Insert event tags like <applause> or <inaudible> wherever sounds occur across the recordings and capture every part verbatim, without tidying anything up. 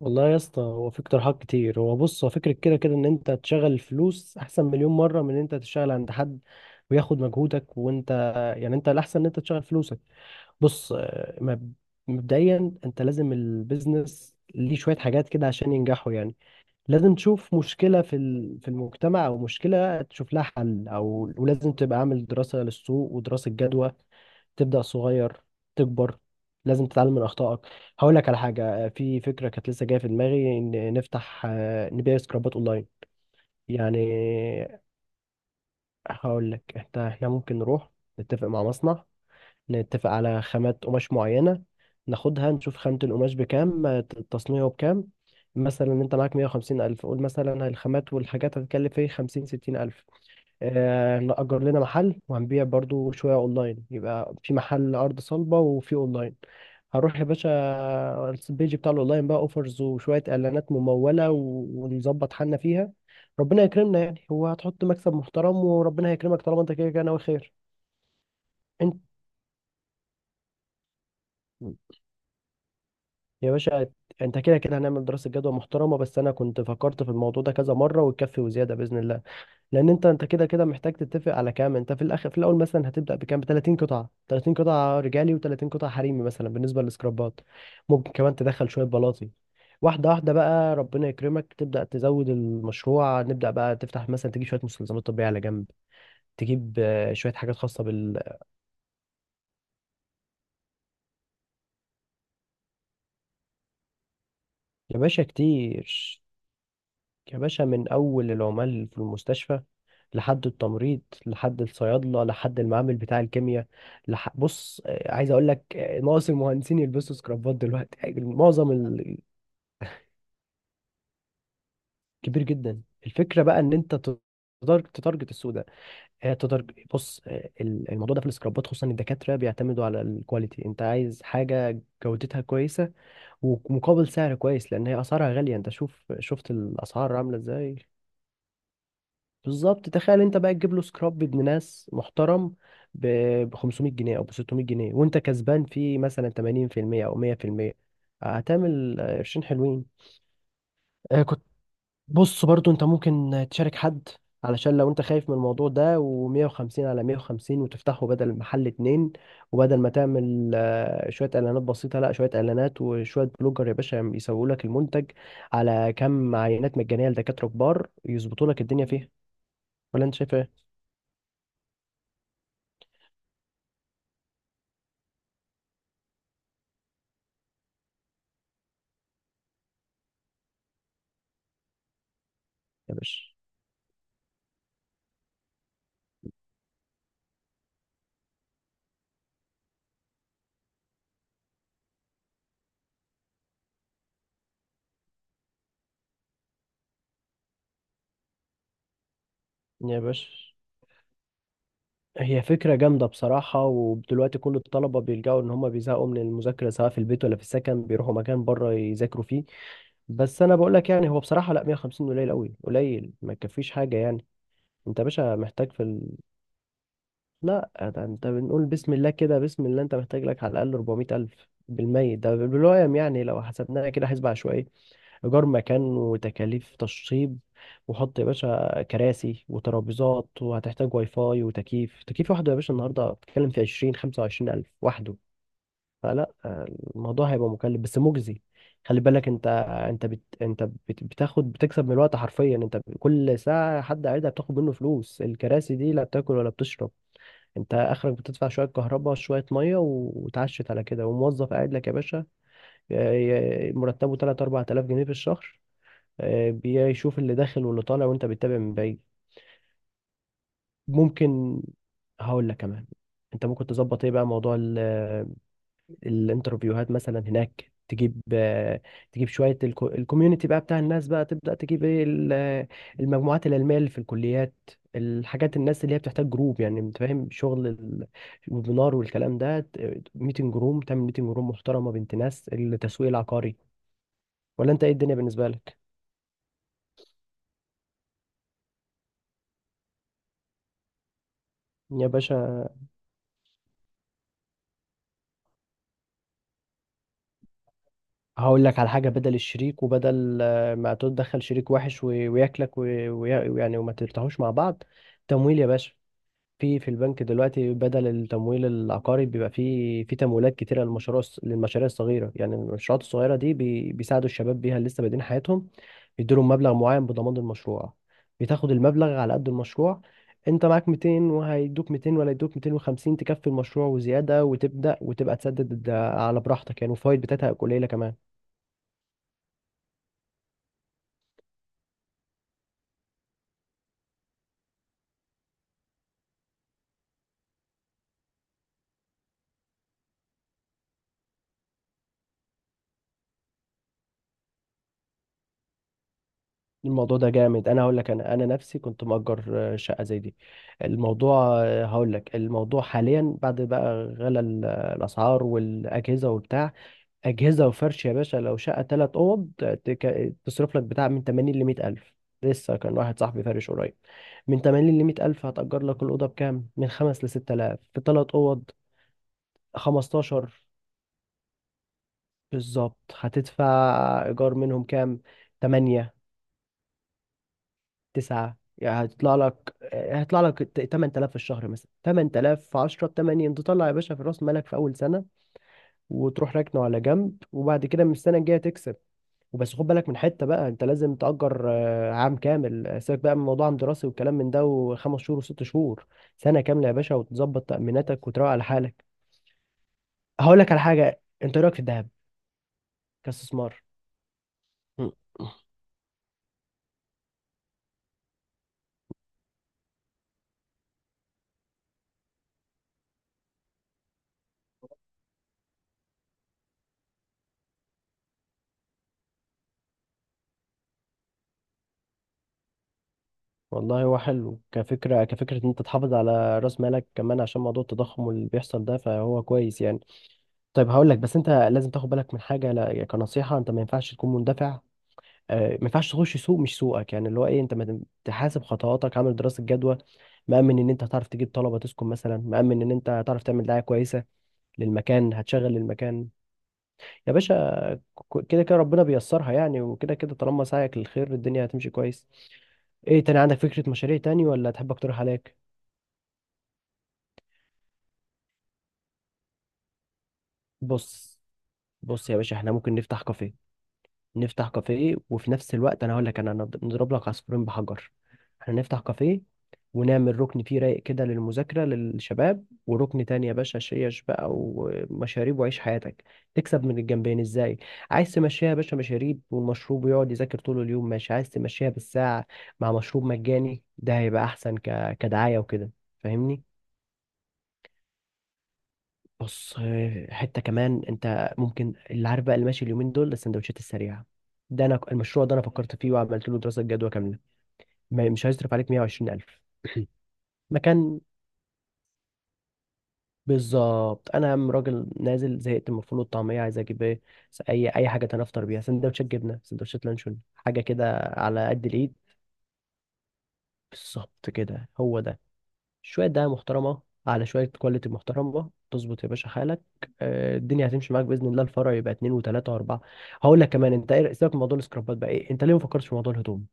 والله يا اسطى، هو في اقتراحات كتير. هو بص، هو فكرة كده كده ان انت تشغل فلوس احسن مليون مرة من ان انت تشتغل عند حد وياخد مجهودك. وانت يعني، انت الاحسن ان انت تشغل فلوسك. بص، آه، مب- مبدئيا انت لازم البيزنس ليه شوية حاجات كده عشان ينجحوا يعني. لازم تشوف مشكلة في ال- في المجتمع، أو مشكلة تشوف لها حل، أو ولازم تبقى عامل دراسة للسوق ودراسة جدوى. تبدأ صغير، تكبر. لازم تتعلم من أخطائك. هقول لك على حاجة، في فكرة كانت لسه جاية في دماغي إن نفتح، آه، نبيع سكرابات أونلاين يعني. هقول لك إحنا إحنا ممكن نروح، نتفق مع مصنع، نتفق على خامات قماش معينة، ناخدها نشوف خامة القماش بكام، آه، التصنيع بكام. مثلا انت معاك مية وخمسين ألف، قول مثلا الخامات والحاجات هتكلف ايه؟ خمسين ستين ألف. آه، نأجر لنا محل وهنبيع برضو شوية أونلاين، يبقى في محل أرض صلبة وفي أونلاين. هروح يا باشا البيج بتاع الأونلاين بقى أوفرز وشوية إعلانات ممولة و- ونظبط حالنا فيها. ربنا يكرمنا يعني، هو هتحط مكسب محترم وربنا هيكرمك طالما انت كده كده ناوي خير. انت يا باشا، انت كده كده هنعمل دراسة جدوى محترمة، بس انا كنت فكرت في الموضوع ده كذا مرة، وتكفي وزيادة بإذن الله. لان انت انت كده كده محتاج تتفق على كام. انت في الاخر، في الاول مثلا هتبدأ بكام؟ ب تلاتين قطعة، تلاتين قطعة رجالي و30 قطعة حريمي مثلا بالنسبة للسكرابات. ممكن كمان تدخل شوية بلاطي. واحدة واحدة بقى ربنا يكرمك تبدأ تزود المشروع. نبدأ بقى تفتح، مثلا تجيب شوية مستلزمات طبية على جنب، تجيب آه، شوية حاجات خاصة بال. يا باشا كتير، يا باشا من أول العمال في المستشفى، لحد التمريض، لحد الصيادله، لحد المعامل بتاع الكيمياء. لح... بص آه، عايز اقول لك، آه، ناقص المهندسين يلبسوا سكرافات دلوقتي <laughs> يعني معظم ال- كبير جدا. الفكره بقى ان انت تدار- تتارجت السوق ده. هي تتارج... بص آه، ال- الموضوع ده في السكرابات، خصوصا الدكاتره بيعتمدوا على الكواليتي، انت عايز حاجه جودتها كويسه ومقابل سعر كويس، لان هي اسعارها غاليه. انت شوف، شفت الاسعار عامله ازاي. بالظبط، تخيل انت بقى تجيب له سكراب بابن ناس محترم ب خمسمية جنيه او ب ستمية جنيه، وانت كسبان فيه مثلا تمانين بالمية او مية بالمية. هتعمل آه، قرشين حلوين. آه، كنت بص برضو، انت ممكن تشارك حد علشان لو انت خايف من الموضوع ده، و150 على مية وخمسين وتفتحه بدل المحل اتنين. وبدل ما تعمل آه، شوية اعلانات بسيطة، لا، شوية اعلانات وشوية بلوجر يا باشا يسوقوا لك المنتج، على كم عينات مجانية لدكاترة كبار يظبطوا لك الدنيا فيها. ولا انت شايف ايه؟ يا باشا، يا باشا هي فكرة جامدة بصراحة. ودلوقتي كل الطلبة بيلجأوا، إن هما بيزهقوا من المذاكرة سواء في البيت ولا في السكن، بيروحوا مكان بره يذاكروا فيه. بس أنا بقول لك يعني، هو بصراحة لا، مية وخمسين قليل أوي، قليل ما يكفيش حاجة يعني. أنت يا باشا محتاج في ال... لا، ده أنت بنقول بسم الله كده، بسم الله أنت محتاج لك على الأقل اربعمية ألف بالمية ده بالوقت يعني. لو حسبناها كده حسبة عشوائية، إيجار مكان وتكاليف تشطيب، وحط يا باشا كراسي وترابيزات، وهتحتاج واي فاي وتكييف. تكييف واحده يا باشا النهاردة بتتكلم في عشرين خمسة وعشرين ألف وحده. فلا، آه، الموضوع هيبقى مكلف بس مجزي. خلي بالك انت انت بت... انت بت... بتاخد، بتكسب من الوقت حرفيا. انت ب- كل ساعة حد قاعدها بتاخد منه فلوس. الكراسي دي لا بتاكل ولا بتشرب. انت اخرك بتدفع شوية كهرباء، شوية مية، و- وتعشت على كده. وموظف قاعد لك يا باشا ي- ي- مرتبه تلاتة اربعة الاف جنيه في الشهر، آه، بيشوف اللي داخل واللي طالع، وانت بتتابع من بعيد. ممكن، هقول لك كمان، انت ممكن تظبط ايه بقى؟ موضوع ال- آه، الانترفيوهات مثلا هناك. تجيب، آه، تجيب شويه الكو- الكوميونتي بقى بتاع الناس بقى، تبدا تجيب ايه؟ ال- آه، المجموعات العلميه اللي في الكليات، الحاجات، الناس اللي هي بتحتاج جروب يعني. انت فاهم شغل ال- الويبينار والكلام ده، ميتنج روم. تعمل ميتنج روم محترمه، بنت ناس، التسويق العقاري. ولا انت ايه الدنيا بالنسبه لك؟ يا باشا، هقول لك على حاجة، بدل الشريك، وبدل آه، ما تدخل شريك وحش وي- وياكلك وي- ويا- ويعني وما ترتاحوش مع بعض. تمويل يا باشا. في في البنك دلوقتي بدل التمويل العقاري، بيبقى في في تمويلات كتيرة للمشاريع الص- للمشاريع الصغيرة. يعني المشروعات الصغيرة دي بي- بيساعدوا الشباب بيها اللي لسه بادئين حياتهم. يديلهم مبلغ معين بضمان المشروع. بتاخد المبلغ على قد المشروع. انت معاك ميتين وهيدوك ميتين، ولا يدوك ميتين وخمسين تكفي المشروع وزيادة، وتبدأ وتبقى تسدد على براحتك يعني. والفوائد بتاعتها قليلة كمان. الموضوع ده جامد. انا هقول لك، انا انا نفسي كنت مأجر آه، شقه زي دي. الموضوع، آه، هقول لك، الموضوع حاليا بعد بقى غلى ال- آه، الاسعار والاجهزه وبتاع. اجهزه وفرش يا باشا، لو شقه ثلاث اوض، تك- تصرف لك بتاع من تمانين ل مية الف. لسه كان واحد صاحبي فارش قريب، من تمانين ل مية الف. هتأجر لك الاوضه بكام؟ من خمسة ل ستة الاف في ثلاث اوض، خمستاشر. بالظبط. هتدفع ايجار منهم كام؟ تمانية، تسعة يعني. هيطلع لك، هيطلع لك ت- تمن الاف في الشهر، مثلا تمن الاف في عشرة ب تمانية، انت تطلع يا باشا في راس مالك في اول سنة. وتروح راكنه على جنب، وبعد كده من السنة الجاية تكسب. وبس، خد بالك من حتة بقى، انت لازم تأجر آه، عام كامل، آه، سيبك بقى من موضوع عام دراسي والكلام من ده، وخمس شهور وست شهور. سنة كاملة يا باشا، وتظبط تأميناتك وتروق على حالك. هقول لك على حاجة، انت إيه رأيك في الذهب كاستثمار؟ مم. والله هو حلو كفكرة، كفكرة ان انت تحافظ على راس مالك كمان عشان موضوع التضخم اللي بيحصل ده، فهو كويس يعني. طيب هقول لك بس انت لازم تاخد بالك من حاجه، لا يعني كنصيحه، انت ما ينفعش تكون مندفع، آه، ما ينفعش تخش سوق مش سوقك. يعني اللي هو ايه؟ انت ما تم- تحاسب خطواتك عامل دراسه جدوى، مأمن ان انت هتعرف تجيب طلبه تسكن مثلا، مأمن ان انت هتعرف تعمل دعايه كويسه للمكان، هتشغل للمكان. يا باشا، ك- كده كده ربنا بيسرها يعني، وكده كده طالما سعيك للخير الدنيا هتمشي كويس. ايه تاني عندك فكره مشاريع تاني، ولا تحب اقترح عليك؟ بص، بص يا باشا، احنا ممكن نفتح كافيه. نفتح كافيه، وفي نفس الوقت انا هقول لك، انا نض- نضرب لك عصفورين بحجر. احنا نفتح كافيه، ونعمل ركن فيه رايق كده للمذاكرة للشباب، وركن تاني يا باشا شيش بقى ومشاريب وعيش حياتك. تكسب من الجنبين ازاي؟ عايز تمشيها يا باشا مشاريب، والمشروب يقعد يذاكر طول اليوم ماشي. عايز تمشيها بالساعة مع مشروب مجاني، ده هيبقى احسن ك... كدعاية وكده. فاهمني؟ بص، آه، حتة كمان، انت ممكن اللي عارف بقى، اللي ماشي اليومين دول السندوتشات السريعة. ده انا المشروع ده انا فكرت فيه وعملت له دراسة جدوى كاملة. ما- مش هيصرف عليك مية وعشرين الف <clears throat> <laughs> مكان، بالظبط. انا م- راجل نازل زهقت من الفول والطعمية عايز اجيب ايه؟ س- اي اي حاجة تانية افطر بيها، سندوتشات جبنة، سندوتشات لانشون، حاجة كده على قد الايد. بالظبط كده، هو ده. شوية دقة محترمة على شوية كواليتي محترمة، تظبط يا باشا حالك. آه، الدنيا هتمشي معاك بإذن الله. الفرع يبقى اتنين وتلاتة وأربعة. هقول لك كمان، أنت إيه؟ سيبك من موضوع السكرابات بقى، إيه أنت ليه ما فكرتش في موضوع الهدوم،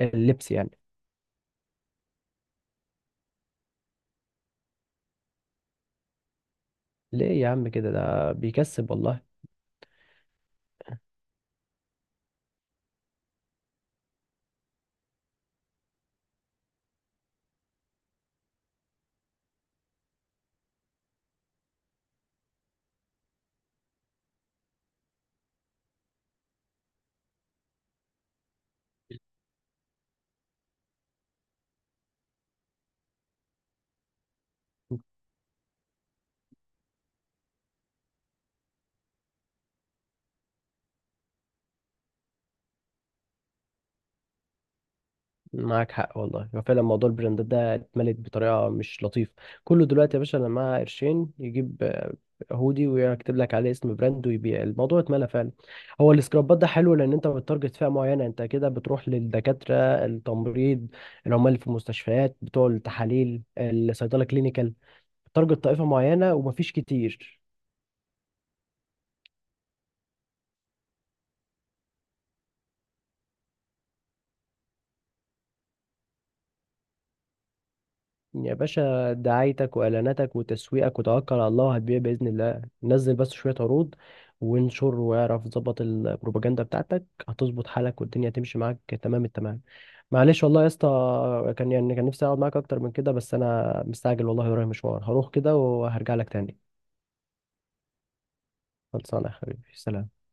اللبس يعني؟ ليه يا عم كده؟ ده بيكسب والله. معاك حق والله، هو فعلا موضوع البراندات ده اتملت بطريقه مش لطيفه. كله دلوقتي يا باشا انا معاه قرشين يجيب آه، هودي ويكتب لك عليه اسم براند ويبيع. الموضوع اتملى فعلا. هو السكرابات ده حلو لان انت بتارجت فئه معينه. انت كده بتروح للدكاتره، التمريض، العمال اللي في المستشفيات بتوع التحاليل، الصيدله، كلينيكال. بتارجت طائفه معينه ومفيش كتير. يا باشا دعايتك واعلاناتك وتسويقك وتوكل على الله، وهتبيع باذن الله. نزل بس شويه عروض وانشر، واعرف ظبط البروباجندا بتاعتك، هتظبط حالك والدنيا تمشي معاك تمام التمام. معلش والله يا اسطى، كان يعني كان نفسي اقعد معاك اكتر من كده، بس انا مستعجل والله ورايا مشوار. هروح كده وهرجع لك تاني. خلصانه يا حبيبي، سلام.